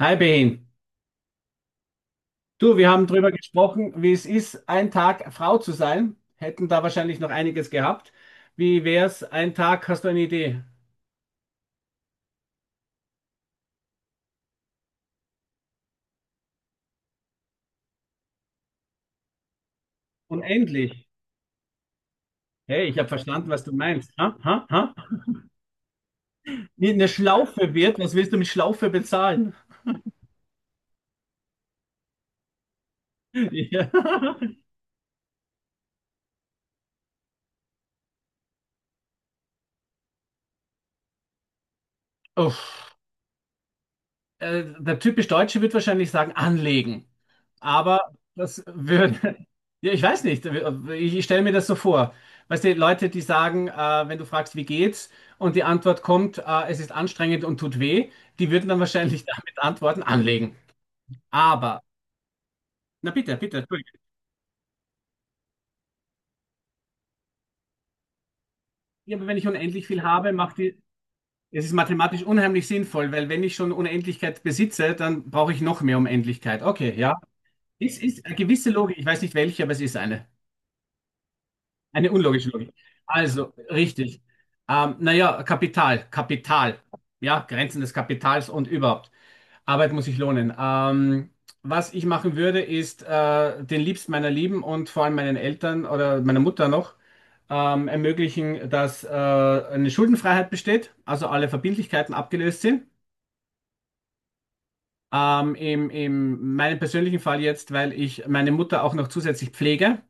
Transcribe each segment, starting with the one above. Hi Behin. Du, wir haben drüber gesprochen, wie es ist, ein Tag Frau zu sein. Hätten da wahrscheinlich noch einiges gehabt. Wie wär's, ein Tag, hast du eine Idee? Unendlich. Hey, ich habe verstanden, was du meinst. Ha, ha, ha. Wie eine Schlaufe wird, was willst du mit Schlaufe bezahlen? Ja. Uff. Der typisch Deutsche wird wahrscheinlich sagen, anlegen. Aber das würde, ja, ich weiß nicht, ich stelle mir das so vor. Weißt du, Leute, die sagen, wenn du fragst, wie geht's, und die Antwort kommt, es ist anstrengend und tut weh, die würden dann wahrscheinlich damit antworten, anlegen. Aber, na bitte, bitte, Entschuldigung. Ja, aber wenn ich unendlich viel habe, macht die, es ist mathematisch unheimlich sinnvoll, weil wenn ich schon Unendlichkeit besitze, dann brauche ich noch mehr Unendlichkeit. Okay, ja. Es ist eine gewisse Logik, ich weiß nicht welche, aber es ist eine. Eine unlogische Logik. Also, richtig. Naja, Kapital, Kapital. Ja, Grenzen des Kapitals und überhaupt. Arbeit muss sich lohnen. Was ich machen würde, ist den Liebsten meiner Lieben und vor allem meinen Eltern oder meiner Mutter noch ermöglichen, dass eine Schuldenfreiheit besteht, also alle Verbindlichkeiten abgelöst sind. Im, im meinem persönlichen Fall jetzt, weil ich meine Mutter auch noch zusätzlich pflege.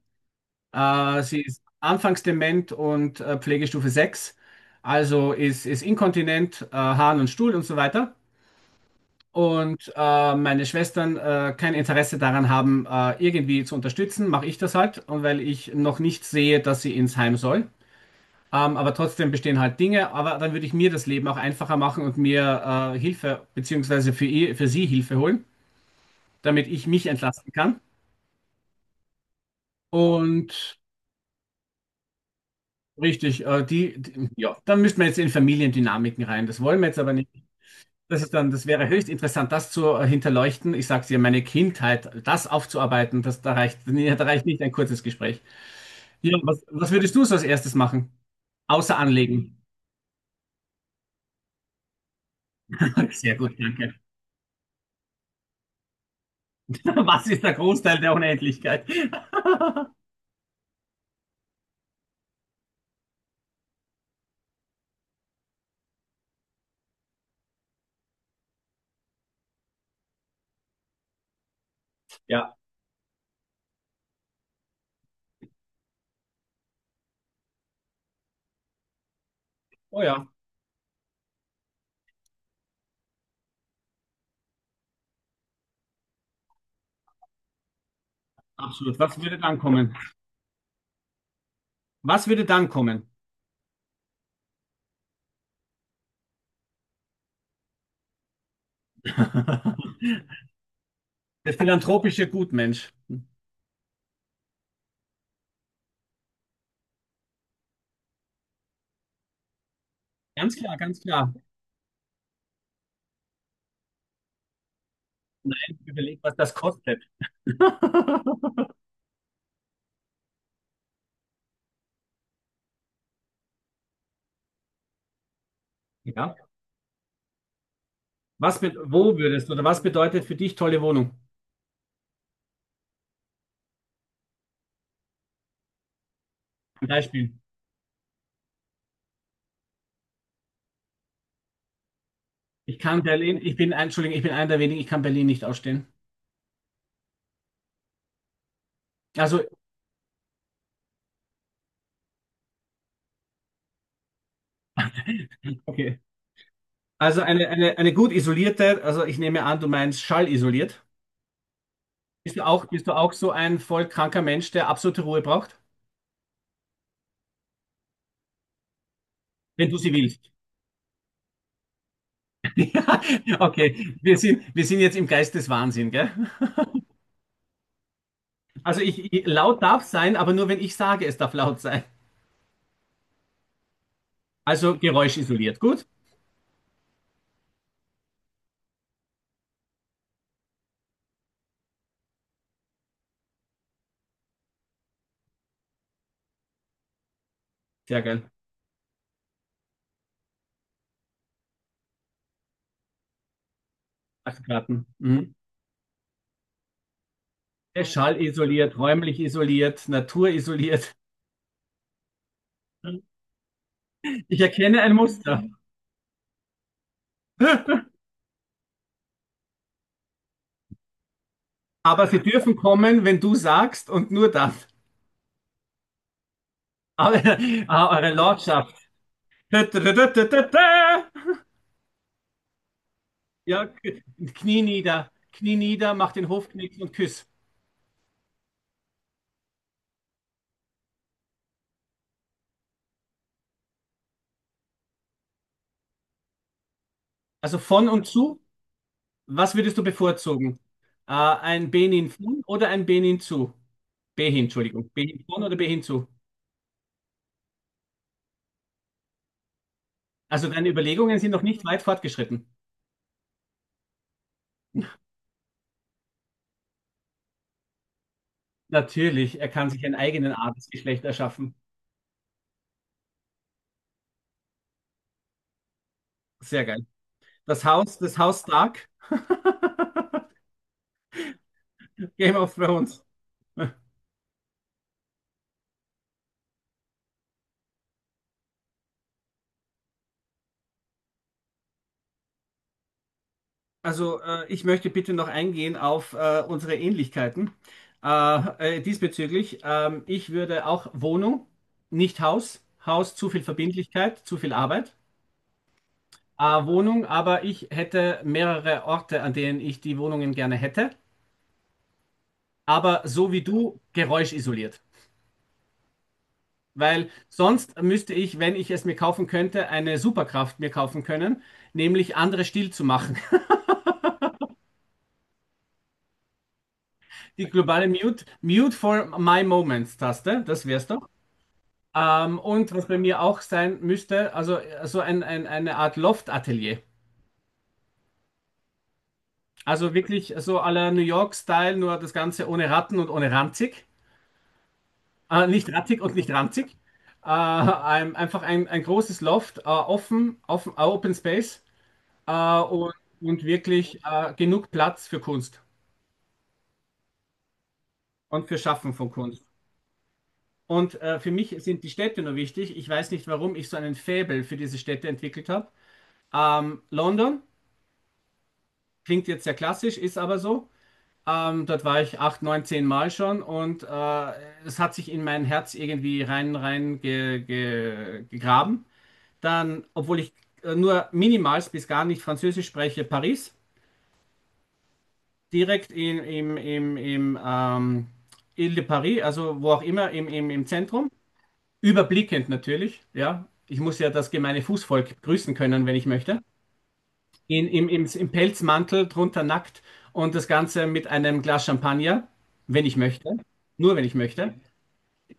Sie ist anfangs dement und Pflegestufe 6, also ist inkontinent, Harn und Stuhl und so weiter. Und meine Schwestern kein Interesse daran haben, irgendwie zu unterstützen, mache ich das halt. Und weil ich noch nicht sehe, dass sie ins Heim soll. Aber trotzdem bestehen halt Dinge. Aber dann würde ich mir das Leben auch einfacher machen und mir Hilfe, beziehungsweise für sie Hilfe holen, damit ich mich entlasten kann. Und richtig, ja, dann müssten wir jetzt in Familiendynamiken rein. Das wollen wir jetzt aber nicht. Das ist dann, das wäre höchst interessant, das zu hinterleuchten. Ich sag's dir, meine Kindheit, das aufzuarbeiten, das, da reicht, nee, da reicht nicht ein kurzes Gespräch. Ja, was würdest du so als erstes machen? Außer anlegen. Sehr gut, danke. Was ist der Großteil der Unendlichkeit? Ja, oh ja, absolut. Was würde dann kommen? Was würde dann kommen? Der philanthropische Gutmensch. Ganz klar, ganz klar. Nein, überleg, was das kostet. Ja. Was, bet- wo würdest du oder was bedeutet für dich tolle Wohnung? Ein Beispiel. Ich kann Berlin, ich bin, ein- Entschuldigung, ich bin einer der wenigen, ich kann Berlin nicht ausstehen. Also, okay. Also eine gut isolierte, also ich nehme an, du meinst schallisoliert. Bist du auch so ein voll kranker Mensch, der absolute Ruhe braucht? Wenn du sie willst. Ja, okay. Wir sind jetzt im Geist des Wahnsinn, gell? Also laut darf sein, aber nur wenn ich sage, es darf laut sein. Also geräuschisoliert. Gut? Sehr geil. Dachgarten. Mhm. Der Schall isoliert, räumlich isoliert, naturisoliert. Ich erkenne ein Muster. Aber Sie dürfen kommen, wenn du sagst und nur dann. Aber, ah, eure Lordschaft. Ja, Knie nieder, mach den Hofknick und küss. Also von und zu, was würdest du bevorzugen? Ein Benin von oder ein Benin zu? Behin, Entschuldigung. Behin von oder Behin zu? Also deine Überlegungen sind noch nicht weit fortgeschritten. Natürlich, er kann sich einen eigenen Adelsgeschlecht erschaffen. Sehr geil. Das Haus Stark, Game of Thrones. Also, ich möchte bitte noch eingehen auf unsere Ähnlichkeiten diesbezüglich. Ich würde auch Wohnung, nicht Haus. Haus, zu viel Verbindlichkeit, zu viel Arbeit. Wohnung, aber ich hätte mehrere Orte, an denen ich die Wohnungen gerne hätte. Aber so wie du, geräuschisoliert. Weil sonst müsste ich, wenn ich es mir kaufen könnte, eine Superkraft mir kaufen können, nämlich andere still zu machen. Die globale Mute, Mute for My Moments-Taste, das wär's doch. Und was bei mir auch sein müsste, also so eine Art Loft-Atelier. Also wirklich so à la New York-Style, nur das Ganze ohne Ratten und ohne ranzig. Nicht rattig und nicht ranzig. Einfach ein großes Loft, offen, offen, Open Space äh, und, und wirklich genug Platz für Kunst und für Schaffen von Kunst. Und für mich sind die Städte nur wichtig. Ich weiß nicht, warum ich so einen Faible für diese Städte entwickelt habe. London klingt jetzt sehr klassisch, ist aber so. Dort war ich acht, neun, zehn Mal schon und es hat sich in mein Herz irgendwie gegraben. Dann, obwohl ich nur minimal bis gar nicht Französisch spreche, Paris. Direkt im Ile de Paris, also wo auch immer, im Zentrum. Überblickend natürlich, ja. Ich muss ja das gemeine Fußvolk grüßen können, wenn ich möchte. Im Pelzmantel, drunter nackt und das Ganze mit einem Glas Champagner, wenn ich möchte. Nur wenn ich möchte.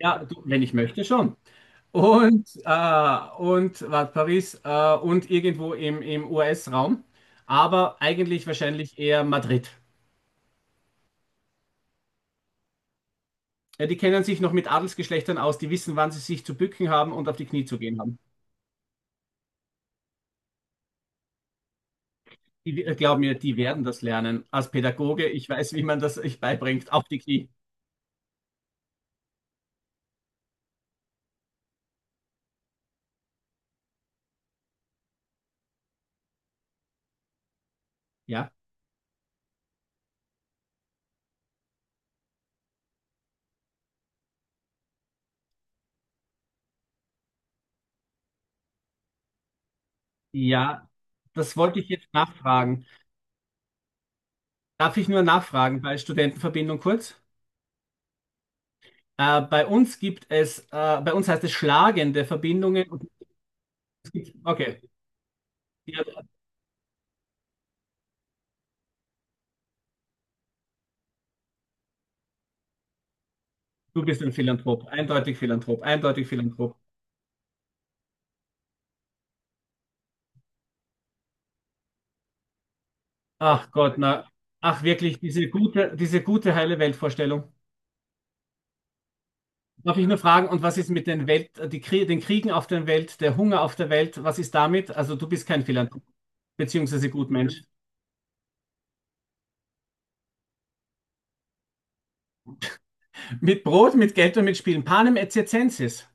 Ja, du, wenn ich möchte schon. Und, warte, Paris und irgendwo im US-Raum, aber eigentlich wahrscheinlich eher Madrid. Ja, die kennen sich noch mit Adelsgeschlechtern aus, die wissen, wann sie sich zu bücken haben und auf die Knie zu gehen haben. Die, glaub mir, die werden das lernen. Als Pädagoge, ich weiß, wie man das euch beibringt, auf die Knie. Ja, ja, das wollte ich jetzt nachfragen. Darf ich nur nachfragen bei Studentenverbindung kurz? Bei uns heißt es schlagende Verbindungen. Und es gibt, okay, ja, du bist ein Philanthrop, eindeutig Philanthrop, eindeutig Philanthrop. Ach Gott, na, ach wirklich, diese gute heile Weltvorstellung. Darf ich nur fragen, und was ist mit den Welt, die Krie den Kriegen auf der Welt, der Hunger auf der Welt, was ist damit? Also du bist kein Philanthrop, beziehungsweise Gutmensch. Mit Brot, mit Geld und mit Spielen. Panem et circenses.